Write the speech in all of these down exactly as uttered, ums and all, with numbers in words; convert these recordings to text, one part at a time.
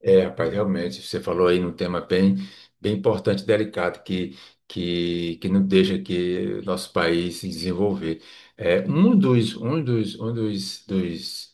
É, rapaz, realmente, você falou aí num tema bem, bem importante, delicado, que, que, que não deixa que nosso país se desenvolver. É, um dos, um dos, um dos, dos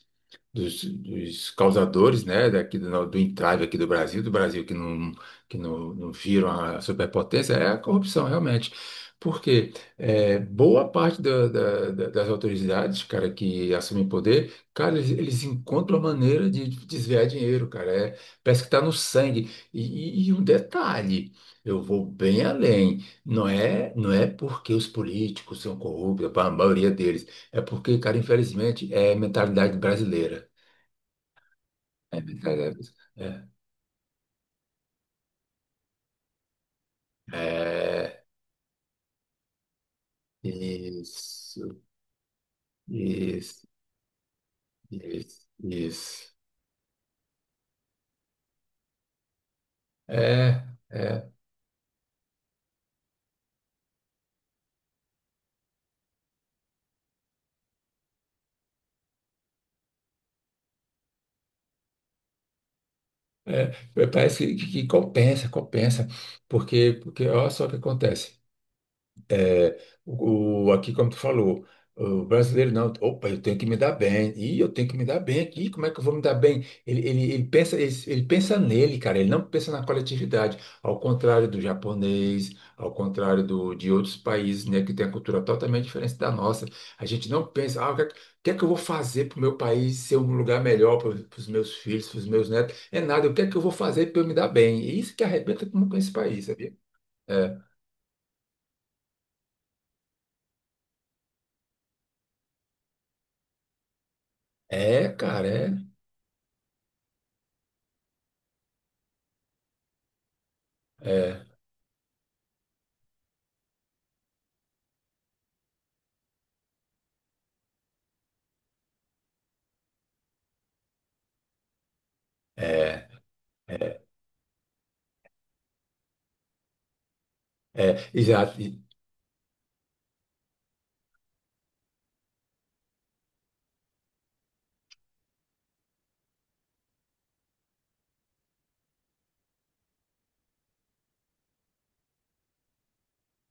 dos, dos causadores, né, daqui do, do entrave aqui do Brasil, do Brasil que não, que não, não viram a superpotência, é a corrupção, realmente. Porque é, boa parte da- da- da- das autoridades, cara, que assumem poder, cara, eles, eles encontram a maneira de desviar dinheiro, cara. É, parece que está no sangue. E, e- e um detalhe, eu vou bem além. Não é, não é porque os políticos são corruptos, a maioria deles. É porque, cara, infelizmente, é mentalidade brasileira. É verdade. É. É. É, Isso, isso, isso, isso. É, é, é. Parece que, que compensa, compensa, porque, porque olha só o que acontece. É, o, o- aqui, como tu falou, o brasileiro não, opa, eu tenho que me dar bem, e eu tenho que me dar bem aqui, como é que eu vou me dar bem? Ele, ele, ele pensa, ele, ele pensa nele, cara, ele não pensa na coletividade, ao contrário do japonês, ao contrário do, de outros países, né, que tem a cultura totalmente diferente da nossa. A gente não pensa, ah, o que, é que o que é que eu vou fazer para o meu país ser um lugar melhor para os meus filhos, para os meus netos? É nada, o que é que eu vou fazer para eu me dar bem? E isso que arrebenta com com esse país, sabia? É, é cara, é. É. É, é, é, exato. e-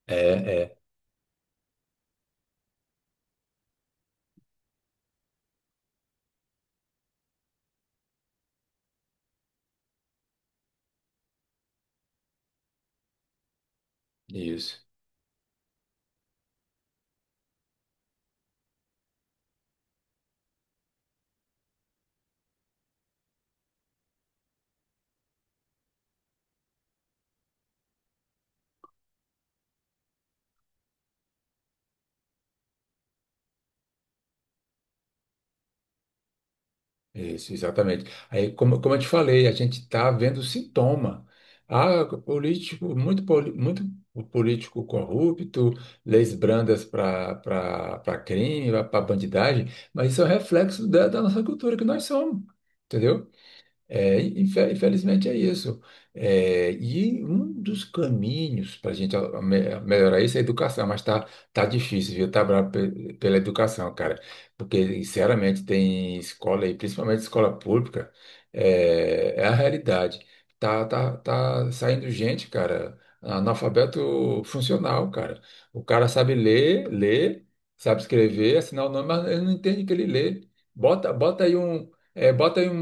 É, é, isso, isso, exatamente. Aí, como, como eu te falei, a gente está vendo sintoma. Ah, político, muito, poli- muito político corrupto, leis brandas para crime, para bandidagem, mas isso é um reflexo da, da nossa cultura que nós somos, entendeu? É, infe- infelizmente é isso. É, e um dos caminhos para a gente a- me- melhorar isso é a educação, mas tá, tá difícil, viu? Tá bravo pe- pela educação, cara. Porque, sinceramente, tem escola aí, principalmente escola pública, é, é a realidade. Tá, tá, tá saindo gente, cara, analfabeto funcional, cara. O cara sabe ler, ler, sabe escrever, assinar o nome, mas ele não entende o que ele lê. Bota, bota aí um. É, bota aí um,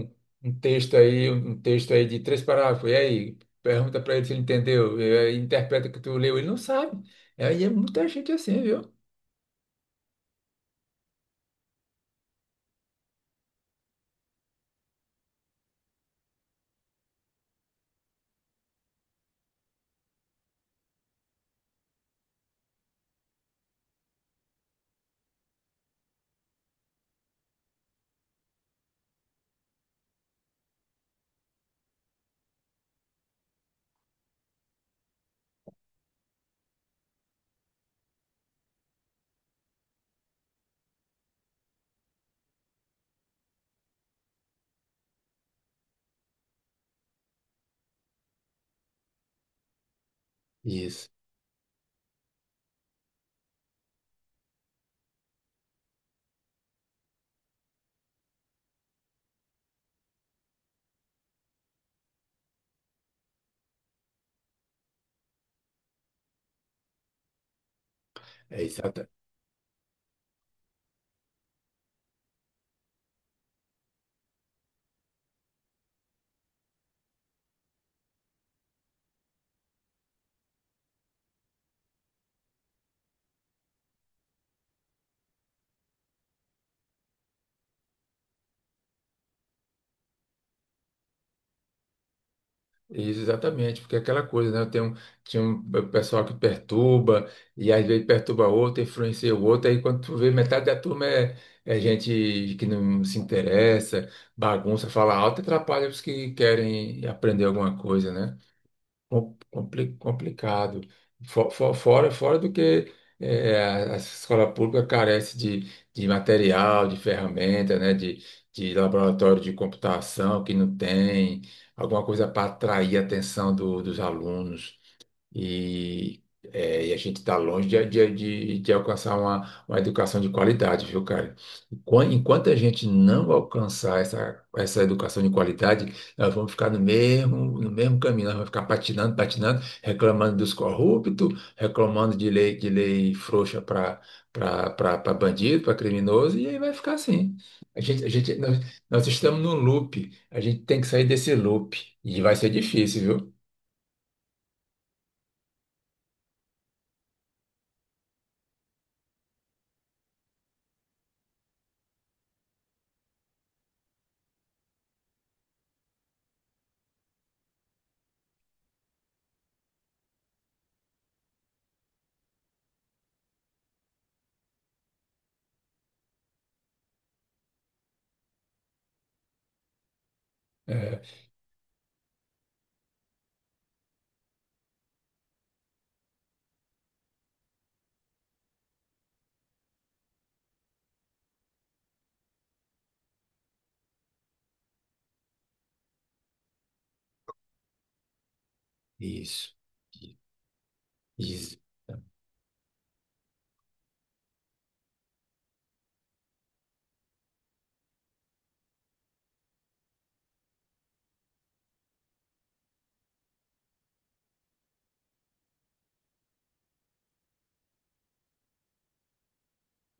um, um um texto aí, um um texto aí de três parágrafos, e aí, pergunta para ele se ele entendeu, e aí interpreta o que tu leu, ele não sabe. E aí é muita gente assim, viu? Isso. É exata, isso exatamente, porque é aquela coisa, né? Tem um, tinha um pessoal que perturba, e às vezes perturba outro, influencia o outro, aí quando tu vê, metade da turma é, é gente que não se interessa, bagunça, fala alto, e atrapalha os que querem aprender alguma coisa, né? com- compli- complicado. Fo- fo- Fora, fora do que eh, a a escola pública carece de, de material, de ferramenta, né? De, de laboratório de computação que não tem, alguma coisa para atrair a atenção do- dos alunos. E, é, e a gente está longe de, de, de, de alcançar uma, uma educação de qualidade, viu, cara? Enqu- Enquanto a gente não alcançar essa, essa educação de qualidade, nós vamos ficar no mesmo, no mesmo caminho, nós vamos ficar patinando, patinando, reclamando dos corruptos, reclamando de lei, de lei frouxa para para bandido, para criminoso, e aí vai ficar assim. A gente, a gente, nós, nós estamos num loop, a gente tem que sair desse loop, e vai ser difícil, viu? É, isso. Isso.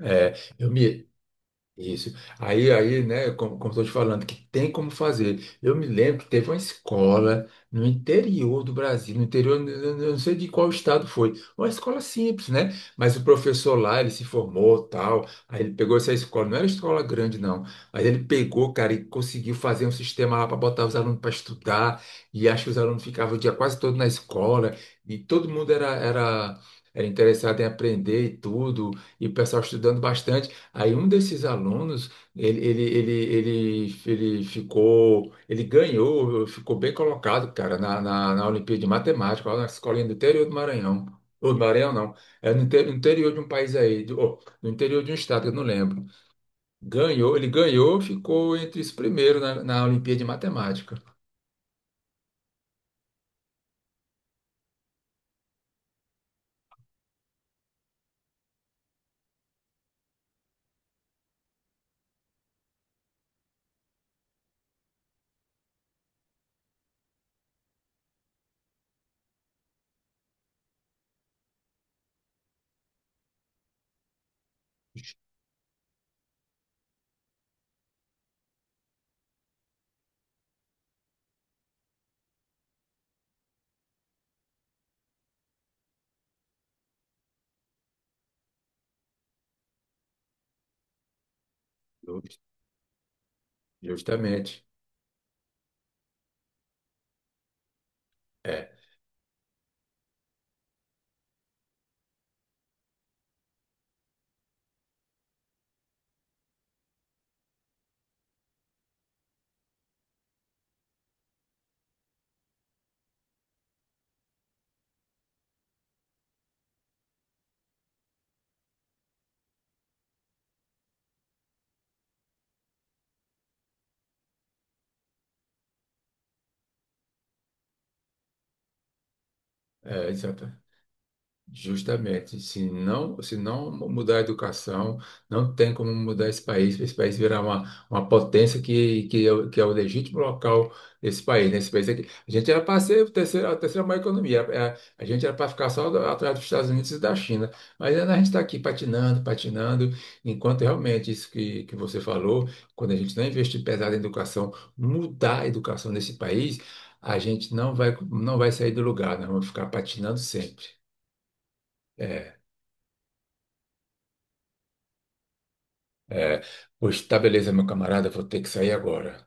É, eu me, Isso. Aí, aí, né, como, como estou te falando, que tem como fazer. Eu me lembro que teve uma escola no interior do Brasil, no interior, eu eu- eu não sei de qual estado foi, uma escola simples, né? Mas o professor lá, ele se formou, tal, aí ele pegou essa escola, não era escola grande, não, mas ele pegou, cara, e conseguiu fazer um sistema lá para botar os alunos para estudar, e acho que os alunos ficavam o dia quase todo na escola, e todo mundo era, era, era interessado em aprender e tudo, e o pessoal estudando bastante. Aí um desses alunos, ele, ele, ele, ele, ele ficou, ele ganhou, ficou bem colocado, cara, na, na, na Olimpíada de Matemática, lá na escolinha do interior do Maranhão. Ou do Maranhão, não. É no inte- no interior de um país aí, do, oh, no interior de um estado, que eu não lembro. Ganhou, ele ganhou, ficou entre os primeiros na, na Olimpíada de Matemática. Just- Justamente. É, é, exato. Justamente, se não, se não mudar a educação, não tem como mudar esse país, esse país virar uma, uma potência que, que, é, o- que é o legítimo local desse país, né? Esse país aqui, a gente era para ser o terceiro a terceira maior economia, a, a- a gente era para ficar só do- atrás dos Estados Unidos e da China, mas ainda a gente está aqui patinando, patinando, enquanto realmente isso que, que você falou, quando a gente não investir pesado em educação, mudar a educação desse país, a gente não vai, não vai sair do lugar, nós vamos ficar patinando sempre. É. É, pois tá, beleza, meu camarada, vou ter que sair agora.